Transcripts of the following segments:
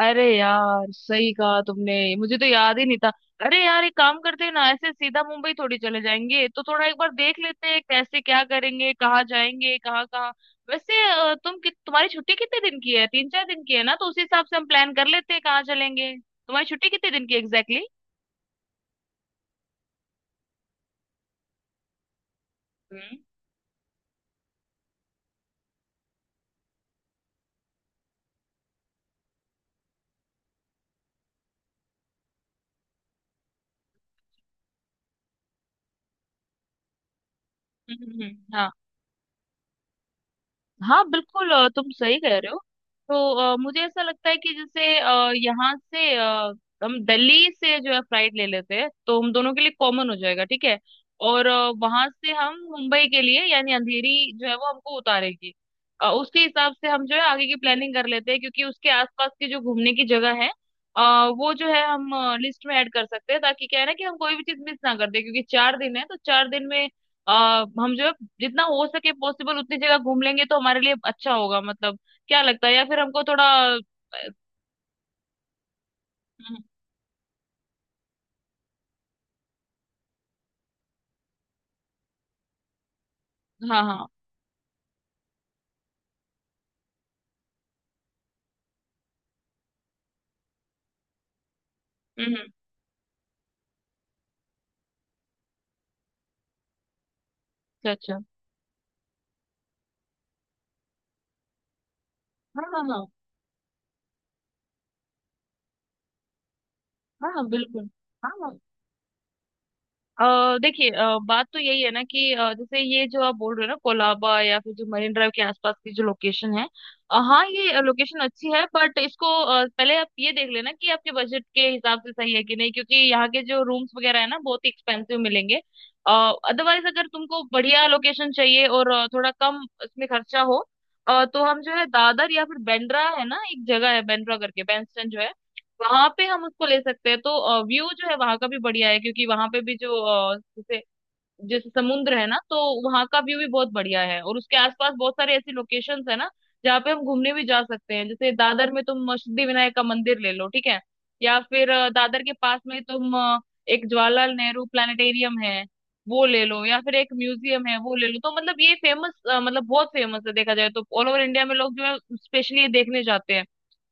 अरे यार, सही कहा तुमने। मुझे तो याद ही नहीं था। अरे यार, एक काम करते हैं ना, ऐसे सीधा मुंबई थोड़ी चले जाएंगे, तो थोड़ा एक बार देख लेते हैं कैसे क्या करेंगे, कहाँ जाएंगे, कहाँ कहाँ। वैसे तुम तुम्हारी छुट्टी कितने दिन की है? तीन चार दिन की है ना, तो उसी हिसाब से हम प्लान कर लेते हैं कहाँ चलेंगे। तुम्हारी छुट्टी कितने दिन की एग्जैक्टली? हम्म। हाँ। हाँ बिल्कुल, तुम सही कह रहे हो। तो मुझे ऐसा लगता है कि जैसे यहाँ से हम दिल्ली से जो है फ्लाइट ले लेते हैं, तो हम दोनों के लिए कॉमन हो जाएगा, ठीक है। और वहां से हम मुंबई के लिए, यानी अंधेरी जो है वो हमको उतारेगी। उसके हिसाब से हम जो है आगे की प्लानिंग कर लेते हैं, क्योंकि उसके आसपास की जो घूमने की जगह है अ, वो जो है हम लिस्ट में ऐड कर सकते हैं, ताकि क्या है ना कि हम कोई भी चीज मिस ना कर दे। क्योंकि चार दिन है, तो चार दिन में अ, हम जो है जितना हो सके पॉसिबल उतनी जगह घूम लेंगे, तो हमारे लिए अच्छा होगा। मतलब क्या लगता है, या फिर हमको थोड़ा हम्म, हाँ हाँ। हम्म हम्म, अच्छा अच्छा। हाँ हाँ हाँ। हाँ हाँ, बिल्कुल। हाँ हाँ। अ देखिए, बात तो यही है ना कि जैसे ये जो आप बोल रहे हो ना, कोलाबा या फिर जो मरीन ड्राइव के आसपास की जो लोकेशन है, हाँ ये लोकेशन अच्छी है, बट इसको पहले आप ये देख लेना कि आपके बजट के हिसाब से सही है कि नहीं, क्योंकि यहाँ के जो रूम्स वगैरह है ना, बहुत ही एक्सपेंसिव मिलेंगे। अदरवाइज अगर तुमको बढ़िया लोकेशन चाहिए और थोड़ा कम इसमें खर्चा हो, तो हम जो है दादर या फिर बेंड्रा है ना, एक जगह है बेंड्रा करके, बैंडस्टैंड जो है, वहां पे हम उसको ले सकते हैं। तो व्यू जो है वहां का भी बढ़िया है, क्योंकि वहां पे भी जो जैसे जैसे समुद्र है ना, तो वहां का व्यू भी बहुत बढ़िया है। और उसके आसपास बहुत सारे ऐसी लोकेशंस है ना जहाँ पे हम घूमने भी जा सकते हैं। जैसे दादर में तुम सिद्धि विनायक का मंदिर ले लो, ठीक है? या फिर दादर के पास में तुम एक जवाहरलाल नेहरू प्लानिटेरियम है वो ले लो, या फिर एक म्यूजियम है वो ले लो। तो मतलब ये फेमस, मतलब बहुत फेमस है, देखा जाए तो ऑल ओवर इंडिया में लोग जो है स्पेशली ये देखने जाते हैं।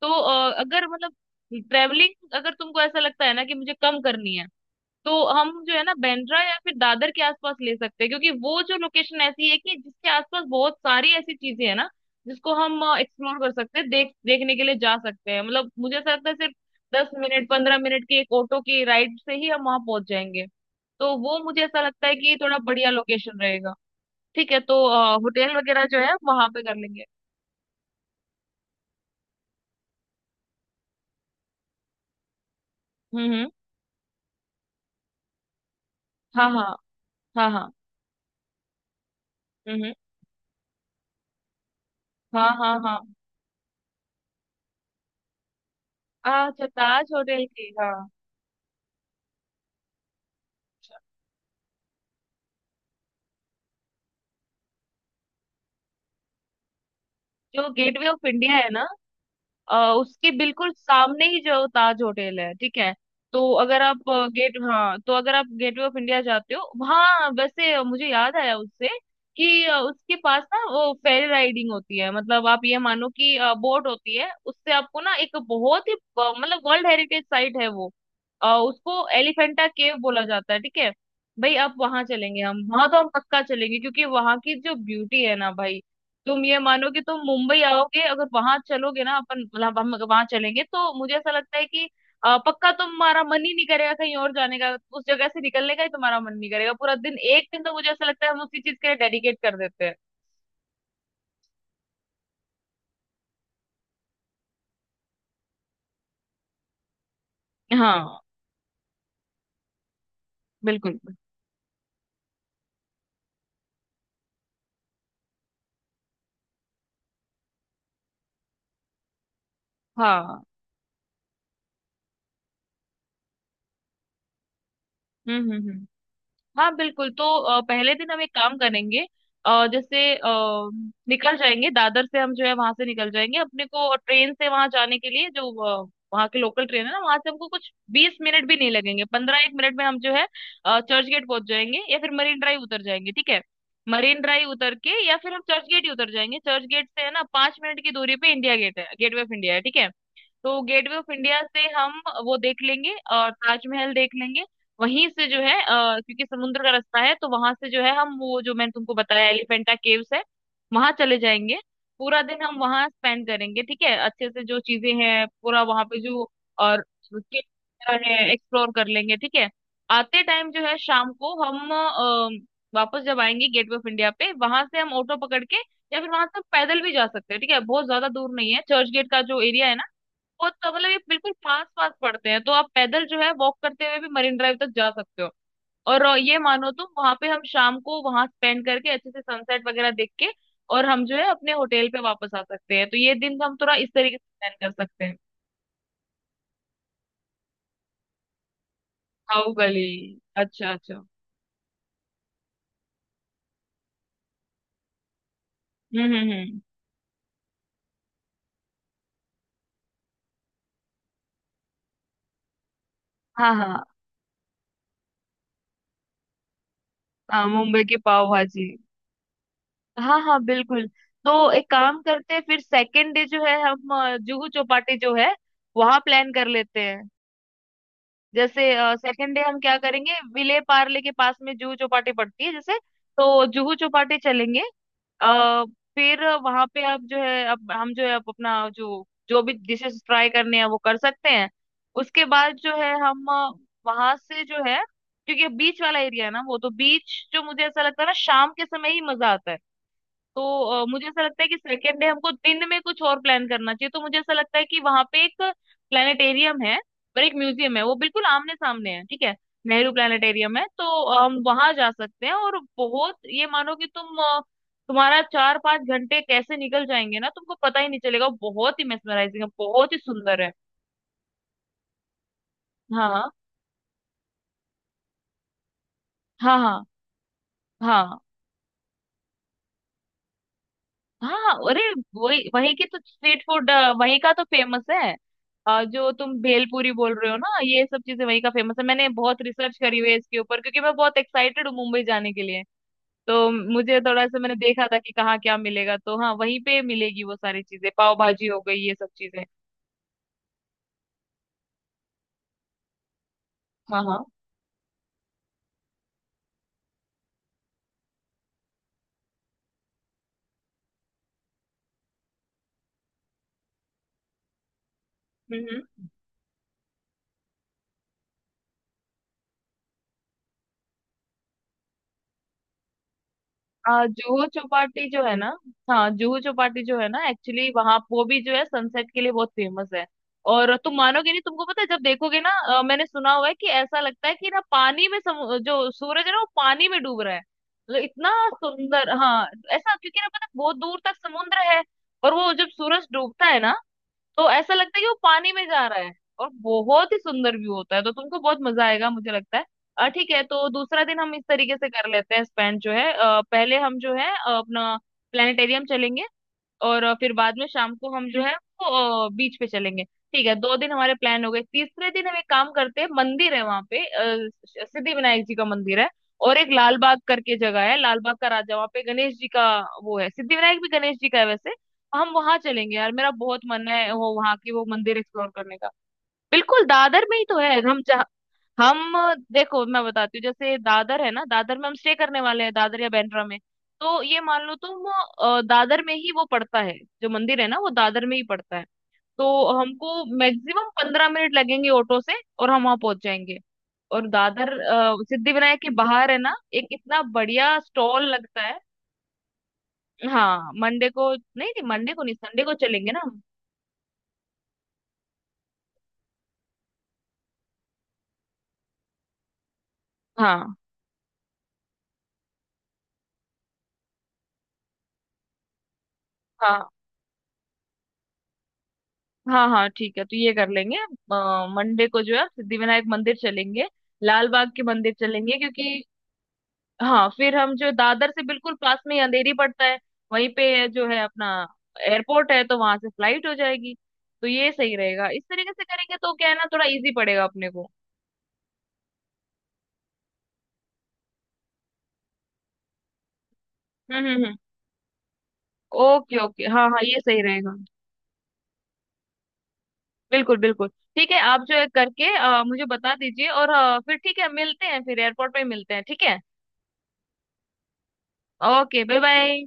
तो अगर मतलब ट्रेवलिंग अगर तुमको ऐसा लगता है ना कि मुझे कम करनी है, तो हम जो है ना बांद्रा या फिर दादर के आसपास ले सकते हैं, क्योंकि वो जो लोकेशन ऐसी है कि जिसके आसपास बहुत सारी ऐसी चीजें हैं ना जिसको हम एक्सप्लोर कर सकते हैं, देख देखने के लिए जा सकते हैं। मतलब मुझे ऐसा लगता है सिर्फ दस मिनट पंद्रह मिनट की एक ऑटो की राइड से ही हम वहां पहुंच जाएंगे। तो वो मुझे ऐसा लगता है कि थोड़ा बढ़िया लोकेशन रहेगा। ठीक है, तो होटल वगैरह जो है वहां पे कर लेंगे। हम्म। हाँ हाँ हाँ हाँ। हम्म। हाँ हाँ हाँ। अच्छा, ताज होटल के, हाँ। जो गेटवे ऑफ इंडिया है ना, उसके बिल्कुल सामने ही जो ताज होटल है, ठीक है। तो अगर आप आ, गेट हाँ, तो अगर आप गेटवे ऑफ इंडिया जाते हो वहाँ, वैसे मुझे याद आया उससे कि उसके पास ना वो फेरी राइडिंग होती है। मतलब आप ये मानो कि बोट होती है, उससे आपको ना एक बहुत ही मतलब वर्ल्ड हेरिटेज साइट है वो। उसको एलिफेंटा केव बोला जाता है, ठीक है? भाई आप वहां चलेंगे, हम वहां तो हम पक्का चलेंगे, क्योंकि वहां की जो ब्यूटी है ना भाई, तुम ये मानो कि तुम मुंबई आओगे, अगर वहां चलोगे ना, अपन मतलब हम अगर वहां चलेंगे, तो मुझे ऐसा लगता है कि पक्का तुम्हारा मन ही नहीं करेगा कहीं और जाने का। उस जगह से निकलने का ही तुम्हारा मन नहीं करेगा। पूरा दिन एक दिन तो मुझे ऐसा लगता है हम उसी चीज के लिए डेडिकेट कर देते हैं। हाँ बिल्कुल। हाँ। हम्म। हाँ बिल्कुल, तो पहले दिन हम एक काम करेंगे, अ, जैसे अ, निकल जाएंगे दादर से, हम जो है वहां से निकल जाएंगे। अपने को ट्रेन से वहां जाने के लिए जो अ, वहाँ के लोकल ट्रेन है ना, वहां से हमको कुछ बीस मिनट भी नहीं लगेंगे, पंद्रह एक मिनट में हम जो है चर्च गेट पहुंच जाएंगे, या फिर मरीन ड्राइव उतर जाएंगे, ठीक है। मरीन ड्राइव उतर के, या फिर हम चर्च गेट ही उतर जाएंगे। चर्च गेट से है ना, पांच मिनट की दूरी पे इंडिया गेट है, गेटवे ऑफ इंडिया है, ठीक है। तो गेटवे ऑफ इंडिया से हम वो देख लेंगे और ताजमहल देख लेंगे। वहीं से जो है क्योंकि समुद्र का रास्ता है, तो वहां से जो है हम वो जो मैंने तुमको बताया, एलिफेंटा केव्स है, वहां चले जाएंगे। पूरा दिन हम वहां स्पेंड करेंगे, ठीक है, अच्छे से जो चीजें हैं पूरा वहां पे जो, और cave वगैरह है एक्सप्लोर कर लेंगे, ठीक है। आते टाइम जो है शाम को हम वापस जब आएंगे गेटवे ऑफ इंडिया पे, वहां से हम ऑटो पकड़ के या फिर वहां से हम पैदल भी जा सकते हैं। ठीक है, बहुत ज्यादा दूर नहीं है, चर्च गेट का जो एरिया है ना, वो तो मतलब ये बिल्कुल पास पास पड़ते हैं, तो आप पैदल जो है वॉक करते हुए भी मरीन ड्राइव तक जा सकते हो। और ये मानो तो वहां पे हम शाम को वहां स्पेंड करके अच्छे से सनसेट वगैरह देख के, और हम जो है अपने होटल पे वापस आ सकते हैं। तो ये दिन हम थोड़ा इस तरीके से प्लान कर सकते हैं। खाऊ गली। अच्छा अच्छा। हम्म। हाँ हाँ हाँ, मुंबई की पाव भाजी। हाँ हाँ बिल्कुल, तो एक काम करते हैं, फिर सेकेंड डे जो है हम जुहू चौपाटी जो है वहां प्लान कर लेते हैं। जैसे सेकंड डे हम क्या करेंगे, विले पार्ले के पास में जुहू चौपाटी पड़ती है, जैसे तो जुहू चौपाटी चलेंगे। अ, फिर वहां पे आप जो है, अब हम जो है अब अपना जो जो भी डिशेस ट्राई करने हैं वो कर सकते हैं। उसके बाद जो है हम वहां से जो है, क्योंकि बीच वाला एरिया है ना, वो तो बीच जो मुझे ऐसा लगता है ना शाम के समय ही मजा आता है। तो मुझे ऐसा लगता है कि सेकेंड डे हमको दिन में कुछ और प्लान करना चाहिए। तो मुझे ऐसा लगता है कि वहां पे एक प्लानिटेरियम है और एक म्यूजियम है, वो बिल्कुल आमने सामने है, ठीक है। नेहरू प्लानिटेरियम है, तो हम वहां जा सकते हैं। और बहुत ये मानो कि तुम तुम्हारा चार पांच घंटे कैसे निकल जाएंगे ना, तुमको पता ही नहीं चलेगा, बहुत ही मेस्मराइजिंग है, बहुत ही सुंदर है। हाँ हाँ हाँ हाँ हाँ। अरे वही वही की तो स्ट्रीट फूड, वही का तो फेमस है। जो तुम भेलपूरी बोल रहे हो ना, ये सब चीजें वही का फेमस है। मैंने बहुत रिसर्च करी हुई है इसके ऊपर, क्योंकि मैं बहुत एक्साइटेड हूँ मुंबई जाने के लिए। तो मुझे थोड़ा सा मैंने देखा था कि कहाँ क्या मिलेगा, तो हाँ वहीं पे मिलेगी वो सारी चीजें, पाव भाजी हो गई ये सब चीजें। हाँ हाँ। हम्म हम्म। जुहू चौपाटी जो है ना, हाँ जुहू चौपाटी जो है ना, एक्चुअली वहां वो भी जो है सनसेट के लिए बहुत फेमस है। और तुम मानोगे नहीं, तुमको पता है जब देखोगे ना, मैंने सुना हुआ है कि ऐसा लगता है कि ना पानी में जो सूरज है ना वो पानी में डूब रहा है, मतलब इतना सुंदर, हाँ। ऐसा क्योंकि ना, पता है, बहुत दूर तक समुद्र है, और वो जब सूरज डूबता है ना, तो ऐसा लगता है कि वो पानी में जा रहा है। और बहुत ही सुंदर व्यू होता है, तो तुमको बहुत मजा आएगा मुझे लगता है। ठीक है, तो दूसरा दिन हम इस तरीके से कर लेते हैं स्पेंड जो है, पहले हम जो है अपना प्लानिटेरियम चलेंगे, और फिर बाद में शाम को हम जो है वो बीच पे चलेंगे। ठीक है, दो दिन हमारे प्लान हो गए। तीसरे दिन हम एक काम करते हैं, मंदिर है वहां पे, सिद्धि विनायक जी का मंदिर है, और एक लाल बाग करके जगह है, लाल बाग का राजा, वहां पे गणेश जी का वो है। सिद्धि विनायक भी गणेश जी का है वैसे। हम वहां चलेंगे यार, मेरा बहुत मन है वो वहां की वो मंदिर एक्सप्लोर करने का। बिल्कुल दादर में ही तो है हम जहाँ हम देखो मैं बताती हूँ, जैसे दादर है ना, दादर में हम स्टे करने वाले हैं, दादर या बांद्रा में। तो ये मान लो तुम, दादर में ही वो पड़ता है, जो मंदिर है ना वो दादर में ही पड़ता है। तो हमको मैक्सिमम पंद्रह मिनट लगेंगे ऑटो से, और हम वहां पहुंच जाएंगे। और दादर सिद्धिविनायक के बाहर है ना, एक इतना बढ़िया स्टॉल लगता है। हाँ मंडे को नहीं, नहीं मंडे को नहीं, संडे को चलेंगे ना हम। हाँ हाँ। हाँ हाँ, ठीक है, तो ये कर लेंगे, मंडे को जो है सिद्धिविनायक मंदिर चलेंगे, लाल बाग के मंदिर चलेंगे, क्योंकि हाँ फिर हम जो दादर से बिल्कुल पास में ही अंधेरी पड़ता है, वहीं पे जो है अपना एयरपोर्ट है, तो वहां से फ्लाइट हो जाएगी। तो ये सही रहेगा, इस तरीके से करेंगे, तो क्या है ना, थोड़ा इजी पड़ेगा अपने को। हम्म। ओके ओके, हाँ हाँ, ये सही रहेगा। बिल्कुल बिल्कुल। ठीक है, आप जो है करके मुझे बता दीजिए, और फिर ठीक है मिलते हैं, फिर एयरपोर्ट पे मिलते हैं, ठीक है। Okay, bye bye.